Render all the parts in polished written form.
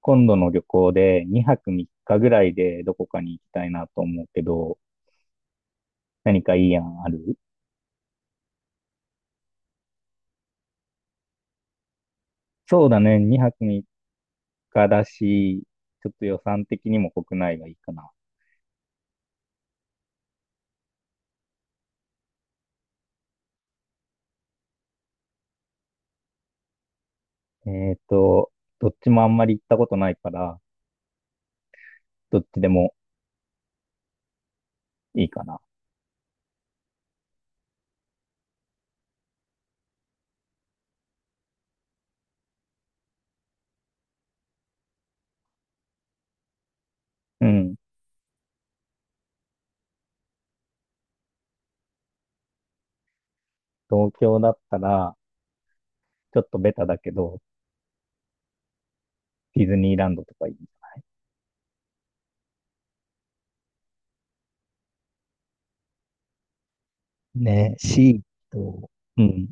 今度の旅行で2泊3日ぐらいでどこかに行きたいなと思うけど、何かいい案ある？そうだね、2泊3日だし、ちょっと予算的にも国内がいいかな。えっと、どっちもあんまり行ったことないから、どっちでもいいかな。うん。東京だったら、ちょっとベタだけど、ディズニーランドとかいい？ね、シーと、うん。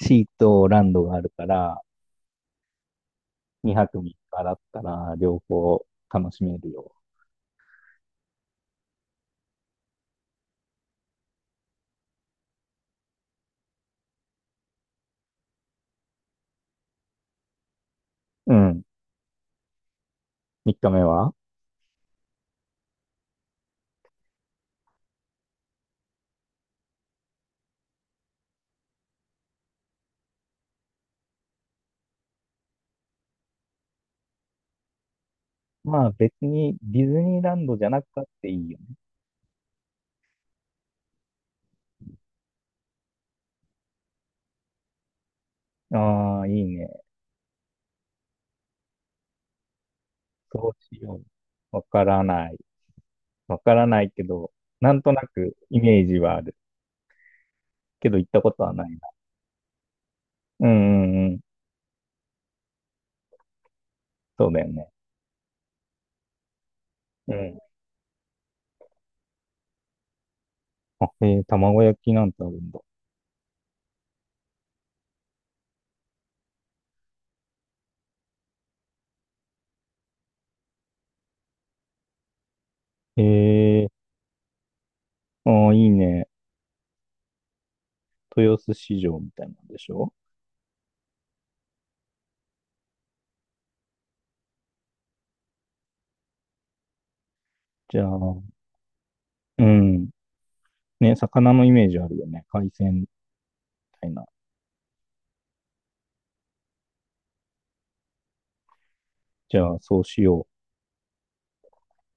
シーとランドがあるから、2泊3日だったら両方楽しめるよ。うん。3日目はまあ別にディズニーランドじゃなくたっていいよね。ああ、いいね。そうしよう。わからない。わからないけど、なんとなくイメージはある。けど行ったことはないな。うんうんうん。そうだよね。うん。あ、卵焼きなんてあるんだ。へえ、ああ、いいね。豊洲市場みたいなんでしょ？じゃあ、うん。ね、魚のイメージあるよね。海鮮みたいな。じゃあ、そうしよう。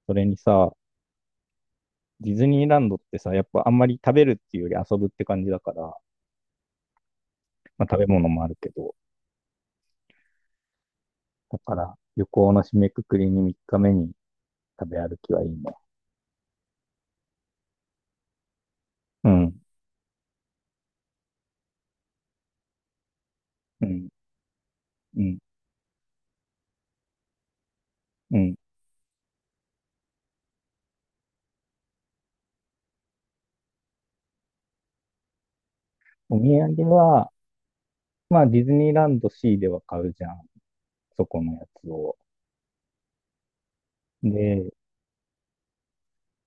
それにさ、ディズニーランドってさ、やっぱあんまり食べるっていうより遊ぶって感じだから、まあ食べ物もあるけど、だから旅行の締めくくりに3日目に食べ歩きはいいね。うん、うん、うん、うん。お土産は、まあディズニーランド C では買うじゃん。そこのやつを。で、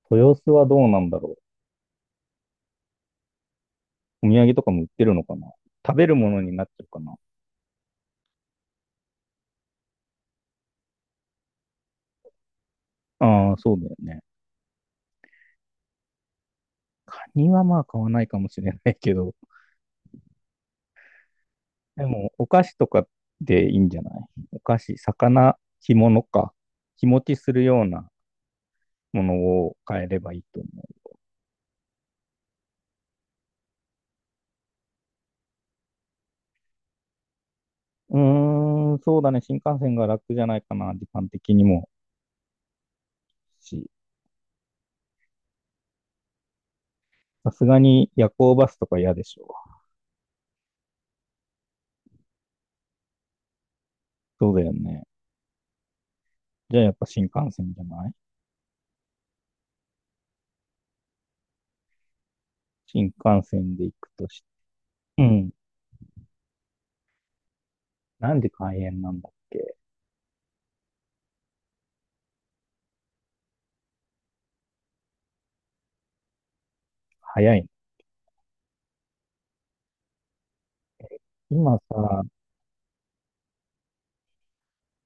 豊洲はどうなんだろう。お土産とかも売ってるのかな？食べるものになっちゃうかな？ああ、そうだよね。カニはまあ買わないかもしれないけど、でも、お菓子とかでいいんじゃない？お菓子、魚、干物か。日持ちするようなものを買えればいいと思う。うーん、そうだね。新幹線が楽じゃないかな、時間的にも。し、さすがに夜行バスとか嫌でしょ。そうだよね。じゃあやっぱ新幹線じゃない？新幹線で行くとし、うん。何時開園なんだっけ？早いの？今さ、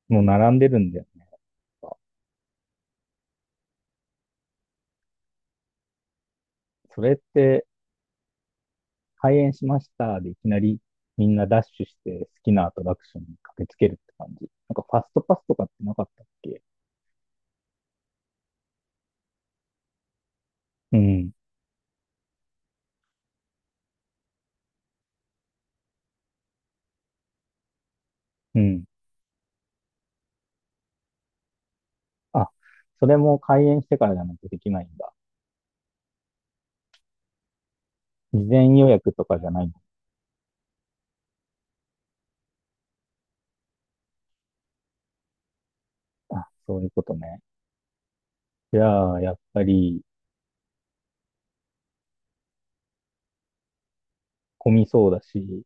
もう並んでるんだよね。それって、開演しましたでいきなりみんなダッシュして好きなアトラクションに駆けつけるって感じ。なんかファストパスとかってなかったっけ？うん、うん。あ、それも開演してからじゃないとできないんだ。事前予約とかじゃないんだ。あ、そういうことね。じゃあ、やっぱり混みそうだし、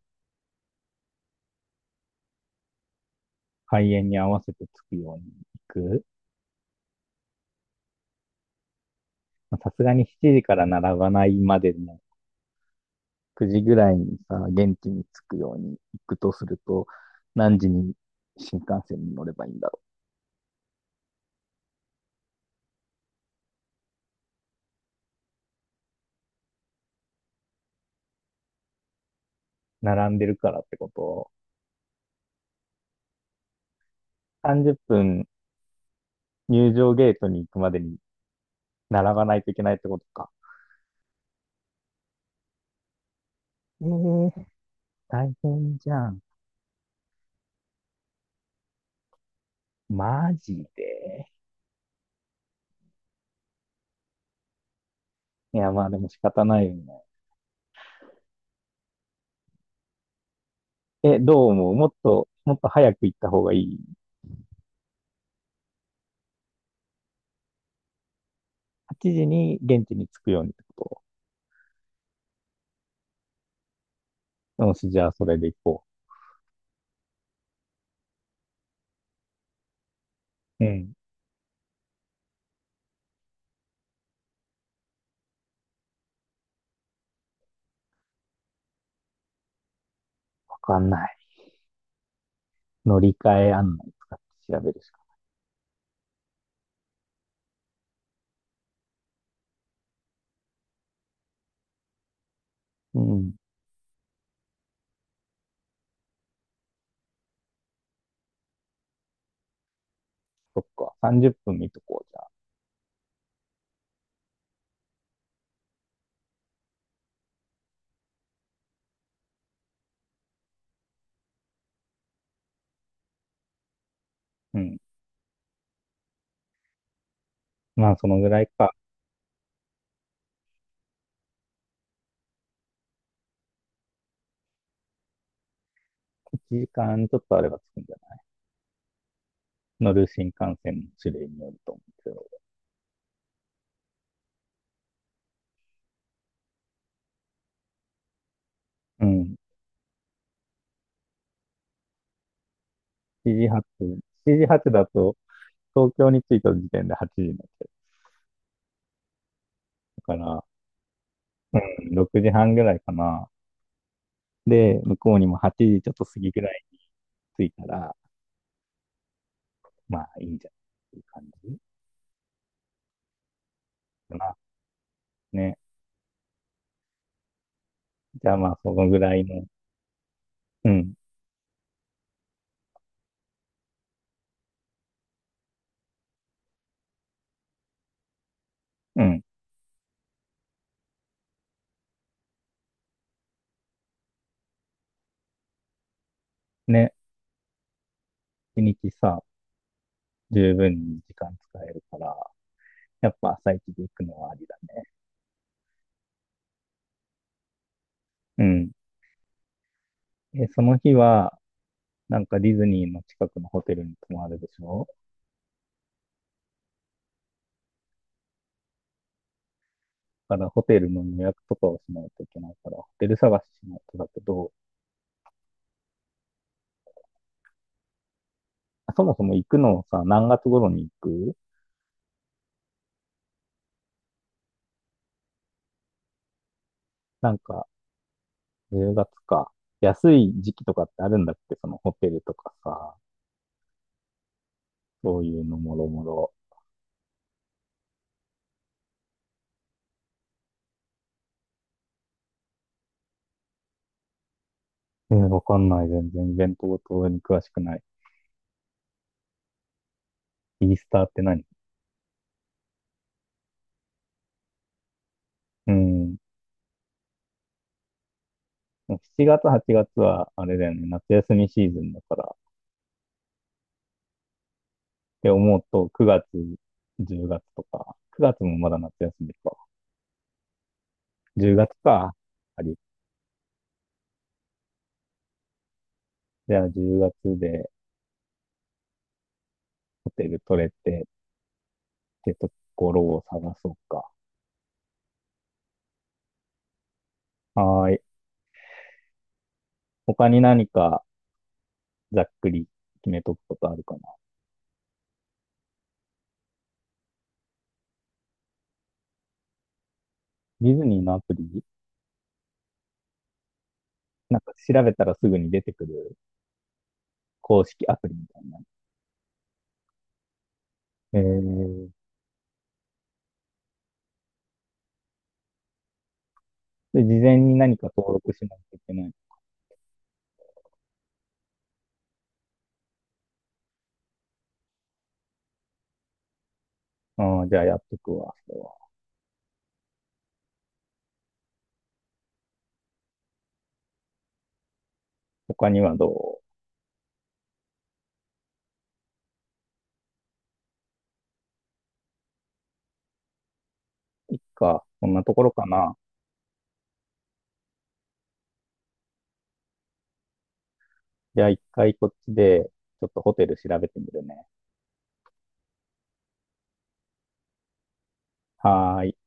開演に合わせて着くように行く。まあさすがに7時から並ばないまでの9時ぐらいにさ、現地に着くように行くとすると、何時に新幹線に乗ればいいんだ？並んでるからってことを。30分入場ゲートに行くまでに並ばないといけないってことか。ええー、大変じゃん。マジで。いや、まあでも仕方ないよね。え、どう思う？もっと早く行った方がいい？ 8 時に現地に着くようにってこと？よし、じゃあそれで行こう。うん。わかんない。乗り換え案内使って調べるしか。うん。そっか。30分見とこう、じゃあ。うん。まあそのぐらいか。1時間ちょっとあれば着くんじゃない？乗る新幹線の種類によると思うんですけど。うん。7時発、7時発だと、東京に着いた時点で8時になっちゃうから、うん、6時半ぐらいかな。で、向こうにも8時ちょっと過ぎぐらいに着いたら、まあいいんじゃない？っていう感じかな。ね。じゃあまあそのぐらいの、うん、うん。ね。一日さ、十分に時間使えるから、やっぱ朝一で行くのはありだね。うん。で、その日は、なんかディズニーの近くのホテルに泊まるでしょ？からホテルの予約とかをしないといけないから、ホテル探ししないとだけど、そもそも行くのをさ、何月頃に行く？なんか、10月か。安い時期とかってあるんだって、そのホテルとかさ、そういうのもろもろ。わかんない。全然イベントごとに詳しくない。イースターって何？うん。7月、8月は、あれだよね、夏休みシーズンだから。って思うと、9月、10月とか、9月もまだ夏休みか。10月か。あり。じゃあ10月で、ホテル取れてってところを探そうか。はーい。他に何かざっくり決めとくことあるかな。ディズニーのアプリ？なんか調べたらすぐに出てくる公式アプリみたいな？えー、で、事前に何か登録しないといけない？あーじゃあやっとくわ、それは。他にはどういっか、こんなところかな。じゃあ一回こっちで、ちょっとホテル調べてみるね。はーい。